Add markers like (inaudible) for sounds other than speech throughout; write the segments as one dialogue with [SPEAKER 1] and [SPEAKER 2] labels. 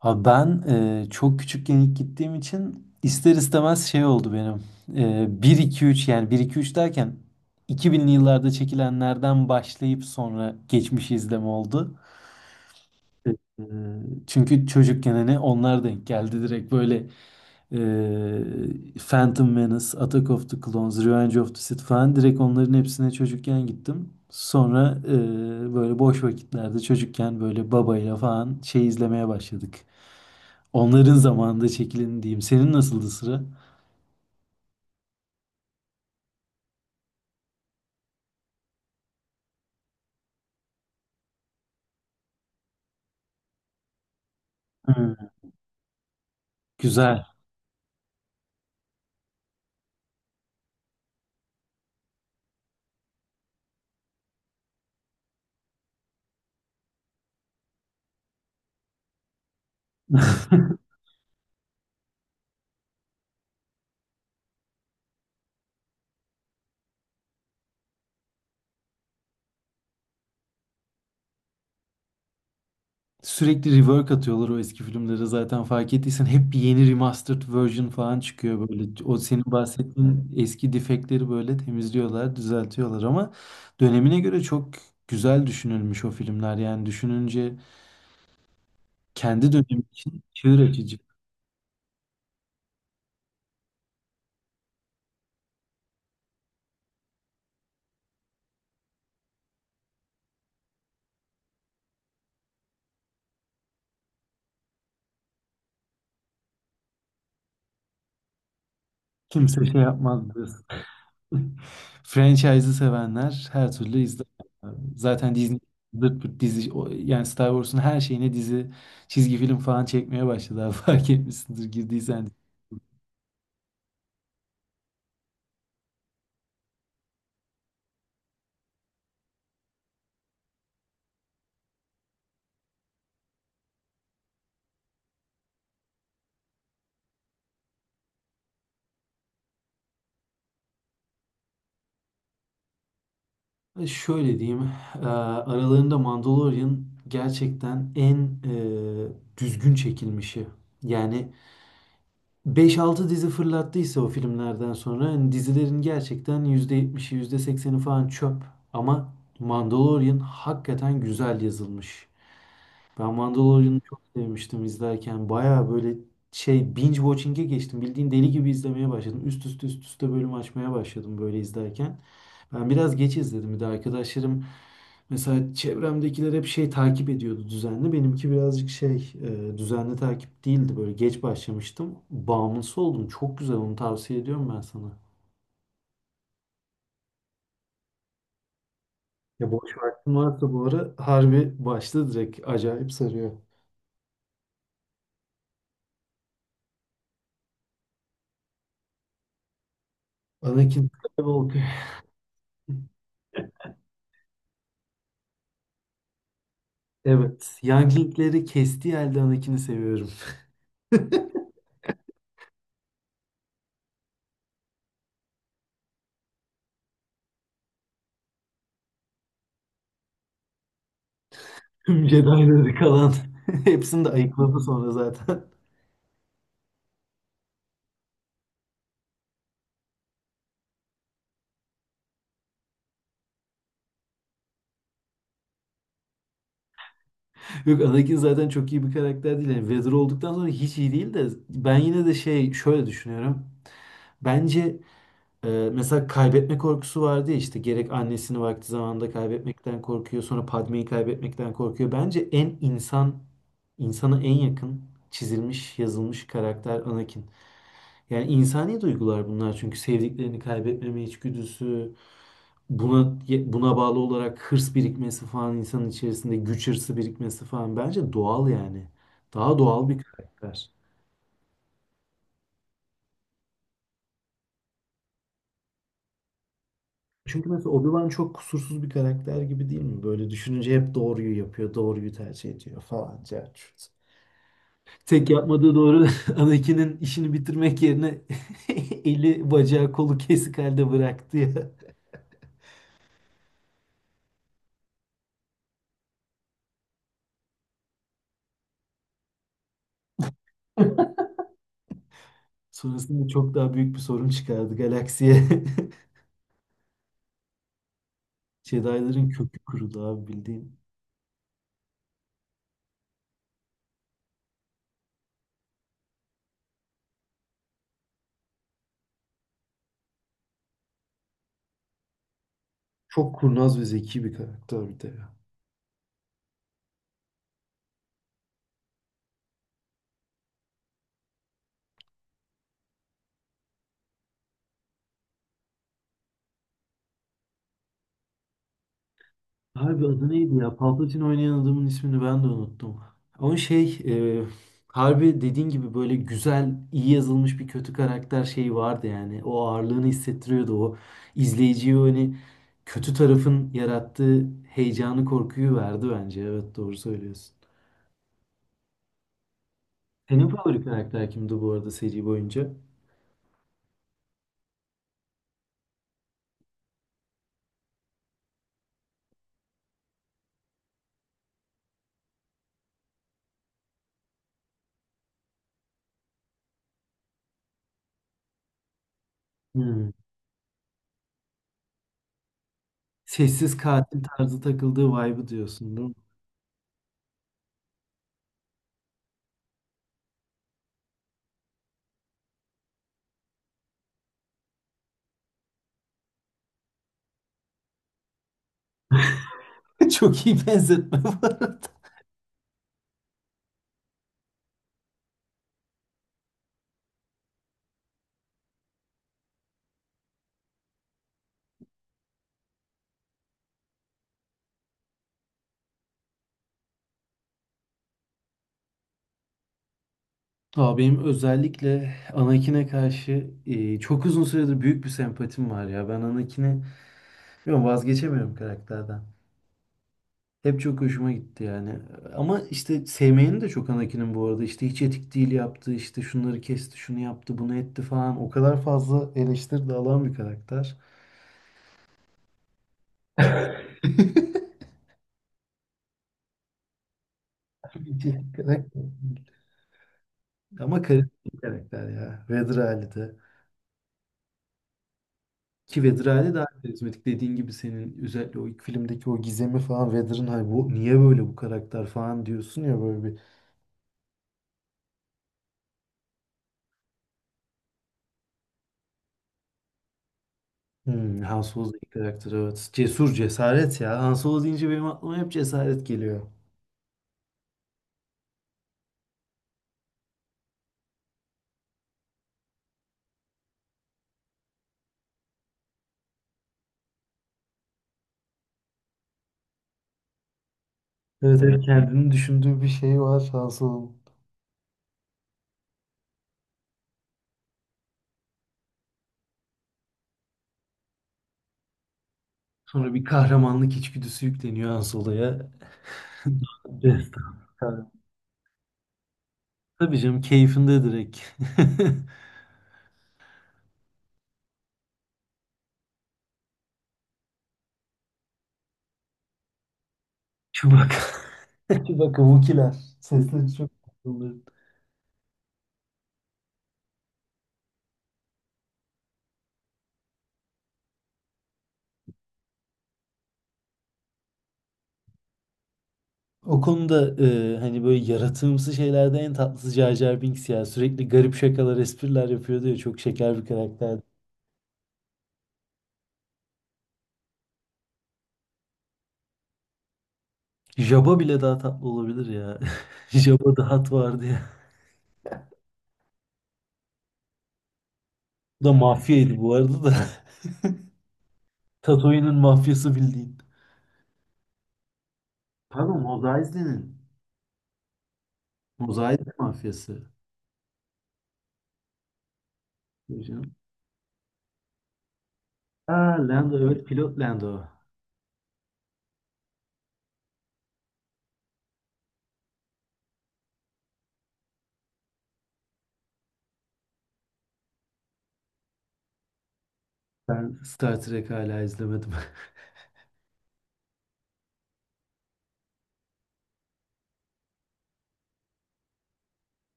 [SPEAKER 1] Abi ben çok küçükken ilk gittiğim için ister istemez şey oldu benim. 1-2-3 yani bir iki üç derken 2000'li yıllarda çekilenlerden başlayıp sonra geçmişi izleme oldu. E, Çünkü çocukken hani onlar denk geldi direkt böyle Phantom Menace, Attack of the Clones, Revenge of the Sith falan direkt onların hepsine çocukken gittim. Sonra böyle boş vakitlerde çocukken böyle babayla falan şey izlemeye başladık. Onların zamanında çekileni diyeyim. Senin nasıldı sıra? Hmm. Güzel. Sürekli rework atıyorlar o eski filmlere zaten fark ettiysen hep bir yeni remastered version falan çıkıyor böyle. O senin bahsettiğin eski defektleri böyle temizliyorlar, düzeltiyorlar ama dönemine göre çok güzel düşünülmüş o filmler. Yani düşününce kendi dönemi için çığır açıcı. Kimse şey yapmazdı. Franchise'ı sevenler her türlü izler. Zaten Disney zırt pırt dizi yani Star Wars'un her şeyine dizi, çizgi film falan çekmeye başladı abi (laughs) fark etmişsindir girdiysen. Şöyle diyeyim, aralarında Mandalorian gerçekten en düzgün çekilmişi. Yani beş altı dizi fırlattıysa o filmlerden sonra hani dizilerin gerçekten yüzde yetmişi, yüzde sekseni falan çöp. Ama Mandalorian hakikaten güzel yazılmış. Ben Mandalorian'ı çok sevmiştim izlerken. Baya böyle şey binge watching'e geçtim. Bildiğin deli gibi izlemeye başladım. Üst üste üst üste bölüm açmaya başladım böyle izlerken. Ben biraz geç izledim. Bir de arkadaşlarım mesela çevremdekiler hep şey takip ediyordu düzenli. Benimki birazcık şey düzenli takip değildi. Böyle geç başlamıştım. Bağımlısı oldum. Çok güzel onu tavsiye ediyorum ben sana. Ya boş vaktin varsa bu ara harbi başla direkt. Acayip sarıyor. Anakin Skywalker. (laughs) Evet. Youngling'leri kestiği halde Anakin'i seviyorum. (laughs) Tüm Jedi'ları kalan. (laughs) Hepsini de ayıkladı sonra zaten. (laughs) Yok, Anakin zaten çok iyi bir karakter değil. Yani Vader olduktan sonra hiç iyi değil de ben yine de şey şöyle düşünüyorum. Bence mesela kaybetme korkusu vardı ya işte gerek annesini vakti zamanında kaybetmekten korkuyor sonra Padme'yi kaybetmekten korkuyor. Bence en insana en yakın çizilmiş yazılmış karakter Anakin. Yani insani duygular bunlar çünkü sevdiklerini kaybetmeme içgüdüsü, buna buna bağlı olarak hırs birikmesi falan insanın içerisinde güç hırsı birikmesi falan bence doğal yani. Daha doğal bir karakter. Çünkü mesela Obi-Wan çok kusursuz bir karakter gibi değil mi? Böyle düşününce hep doğruyu yapıyor, doğruyu tercih ediyor falan. Cart Tek yapmadığı doğru (laughs) Anakin'in işini bitirmek yerine (laughs) eli bacağı kolu kesik halde bıraktı ya. (laughs) Sonrasında çok daha büyük bir sorun çıkardı galaksiye. (laughs) Jedi'ların kökü kurudu abi bildiğin. Çok kurnaz ve zeki bir karakter bir de ya. Abi adı neydi ya? Palpatine oynayan adamın ismini ben de unuttum. Ama şey e, harbi dediğin gibi böyle güzel, iyi yazılmış bir kötü karakter şeyi vardı yani. O ağırlığını hissettiriyordu. O izleyiciye hani kötü tarafın yarattığı heyecanı, korkuyu verdi bence. Evet, doğru söylüyorsun. Senin favori karakter kimdi bu arada seri boyunca? Hmm. Sessiz katil tarzı takıldığı vibe'ı diyorsun değil mi? (laughs) Çok iyi benzetme bu arada. Aa, benim özellikle Anakin'e karşı çok uzun süredir büyük bir sempatim var ya. Ben Anakin'e bilmiyorum, vazgeçemiyorum karakterden. Hep çok hoşuma gitti yani. Ama işte sevmeyeni de çok Anakin'in bu arada. İşte hiç etik değil yaptı, işte şunları kesti, şunu yaptı, bunu etti falan. O kadar fazla eleştiri de alan bir karakter. (laughs) Hiç etik karakter. Ama karizmatik karakter ya. Vedir Ali de. Ki Vedir Ali daha karizmatik. Dediğin gibi senin özellikle o ilk filmdeki o gizemi falan Vedir'in hani bu niye böyle bu karakter falan diyorsun ya böyle bir hmm, Han Solo karakter evet. Cesur cesaret ya. Han Solo deyince benim aklıma hep cesaret geliyor. Evet, evet, kendini düşündüğü bir şey var Han Solo'nun. Sonra bir kahramanlık içgüdüsü yükleniyor Han Solo'ya. Destan. Tabii canım, keyfinde direkt. (laughs) Chewbacca. (laughs) Chewbacca Wookiee'ler. Sesleri çok tatlı. O konuda hani böyle yaratığımsı şeylerde en tatlısı Jar Jar Binks ya. Sürekli garip şakalar, espriler yapıyordu ya. Çok şeker bir karakter. Jabba bile daha tatlı olabilir ya. (laughs) Jabba'da hat vardı ya. Bu da mafyaydı bu arada da. (laughs) Tatooine'in mafyası bildiğin. Pardon, Mos Eisley'nin. Mos Eisley mafyası. Tabii canım. Aa, Lando, evet, pilot Lando. Ben Star Trek hala izlemedim. (laughs)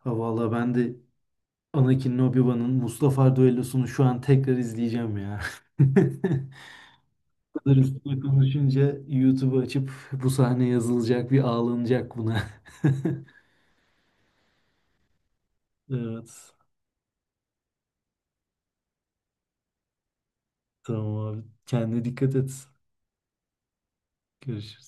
[SPEAKER 1] Ha valla ben de Anakin Obi-Wan'ın Mustafar düellosunu şu an tekrar izleyeceğim ya. (laughs) kadar üstüne konuşunca YouTube'u açıp bu sahne yazılacak, bir ağlanacak buna. (laughs) Evet. Tamam abi. Kendine dikkat et. Görüşürüz.